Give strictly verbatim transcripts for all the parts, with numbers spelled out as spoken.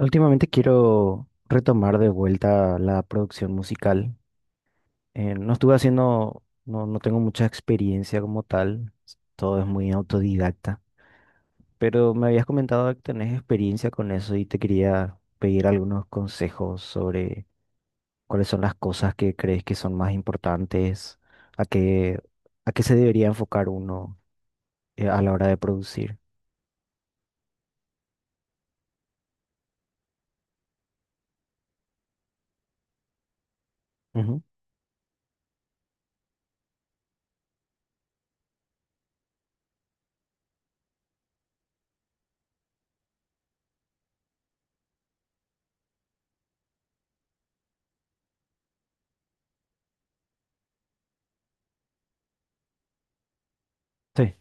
Últimamente quiero retomar de vuelta la producción musical. Eh, no estuve haciendo, no, no tengo mucha experiencia como tal, s- todo es muy autodidacta, pero me habías comentado que tenés experiencia con eso y te quería pedir algunos consejos sobre cuáles son las cosas que crees que son más importantes, a qué, a qué se debería enfocar uno eh, a la hora de producir. Ujú. Sí.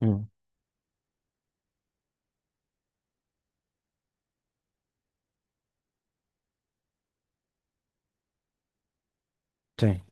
Mm. Sí.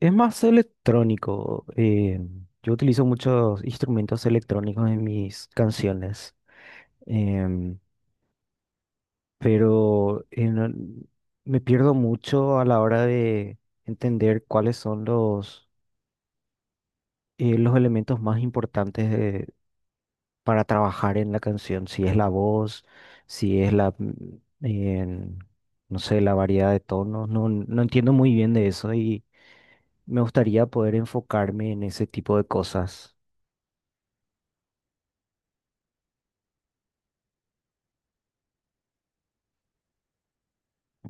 Es más electrónico. Eh, yo utilizo muchos instrumentos electrónicos en mis canciones, em, pero en el- me pierdo mucho a la hora de entender cuáles son los, eh, los elementos más importantes de- para trabajar en la canción. Si es la voz, si es la, mm, en, no sé, la variedad de tonos. No, no entiendo muy bien de eso y me gustaría poder enfocarme en ese tipo de cosas.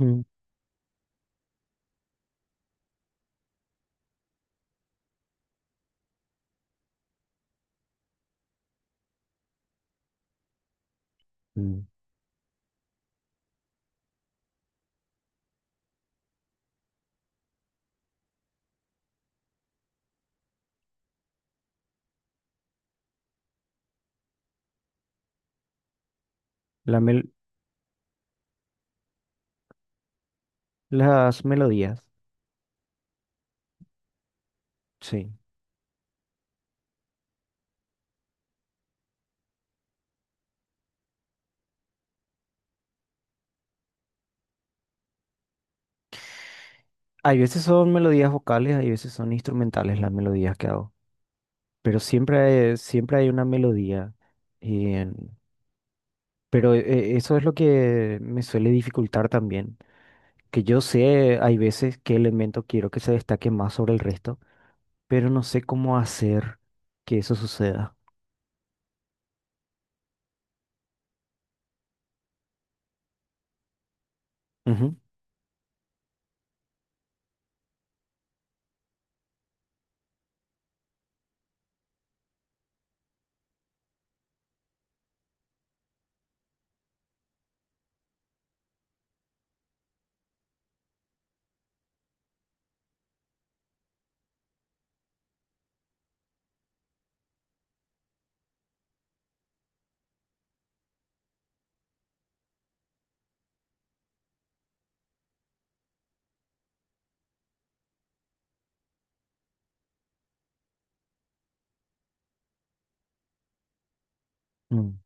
Mm. Mm. La mel- las melodías, sí. Hay veces son melodías vocales, hay veces son instrumentales las melodías que hago. Pero siempre hay, siempre hay una melodía. eh, pero eh, Eso es lo que me suele dificultar también. Que yo sé, hay veces qué elemento quiero que se destaque más sobre el resto, pero no sé cómo hacer que eso suceda. Ujú. Mm.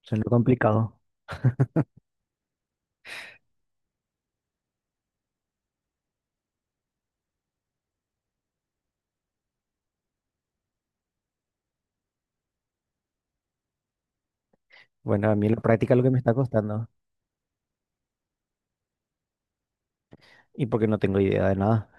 Suena complicado. Bueno, a mí la práctica es lo que me está costando. Y porque no tengo idea de nada.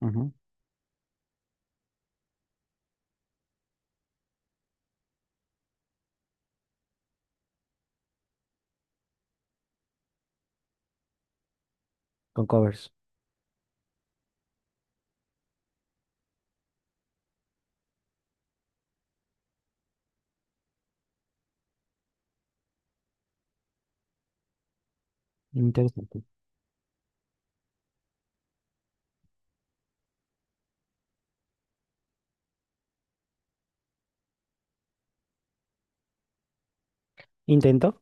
Ujú. Con covers. Interesante. Intento.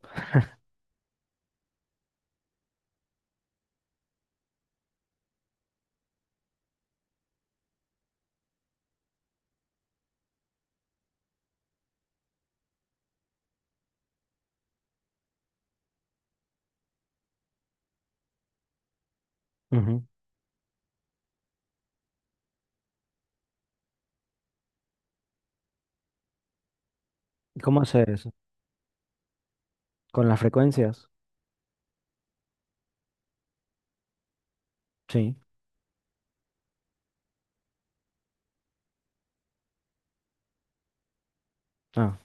Ujú. ¿Y cómo hacer eso? Con las frecuencias. Sí. Ah.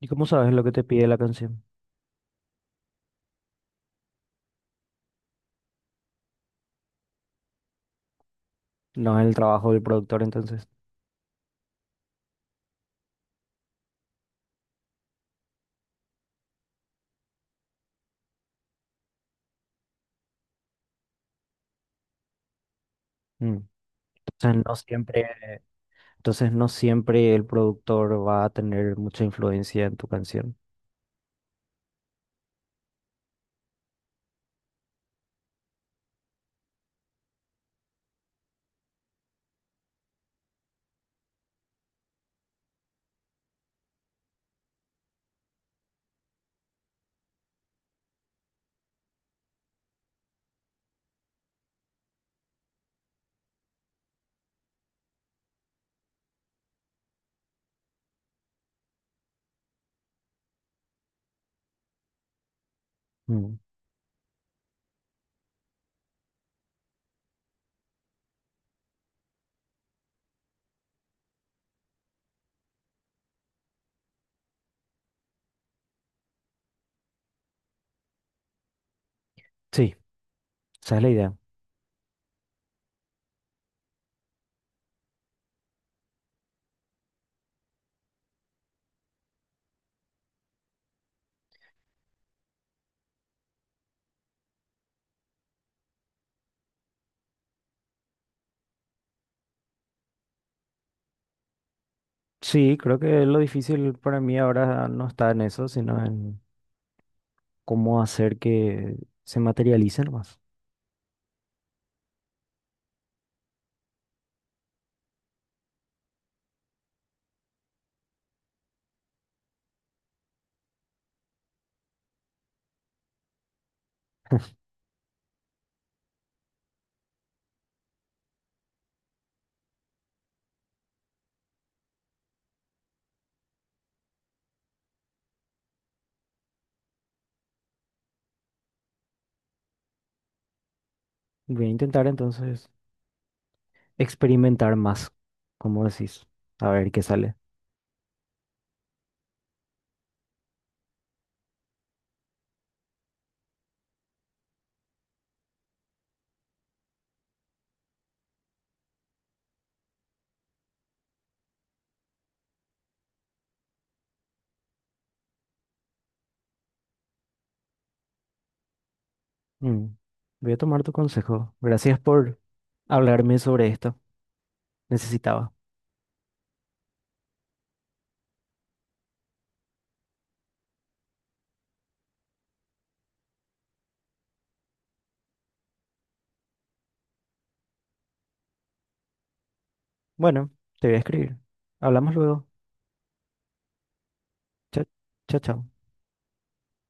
¿Y cómo sabes lo que te pide la canción? No es el trabajo del productor, entonces. Mm. Entonces no siempre, entonces no siempre el productor va a tener mucha influencia en tu canción. Mm. Sí, esa es la idea. Sí, creo que lo difícil para mí ahora no está en eso, sino en cómo hacer que se materialicen más. Voy a intentar entonces experimentar más, como decís, a ver qué sale. Mm. Voy a tomar tu consejo. Gracias por hablarme sobre esto. Necesitaba. Bueno, te voy a escribir. Hablamos luego. Chao, chao, chao.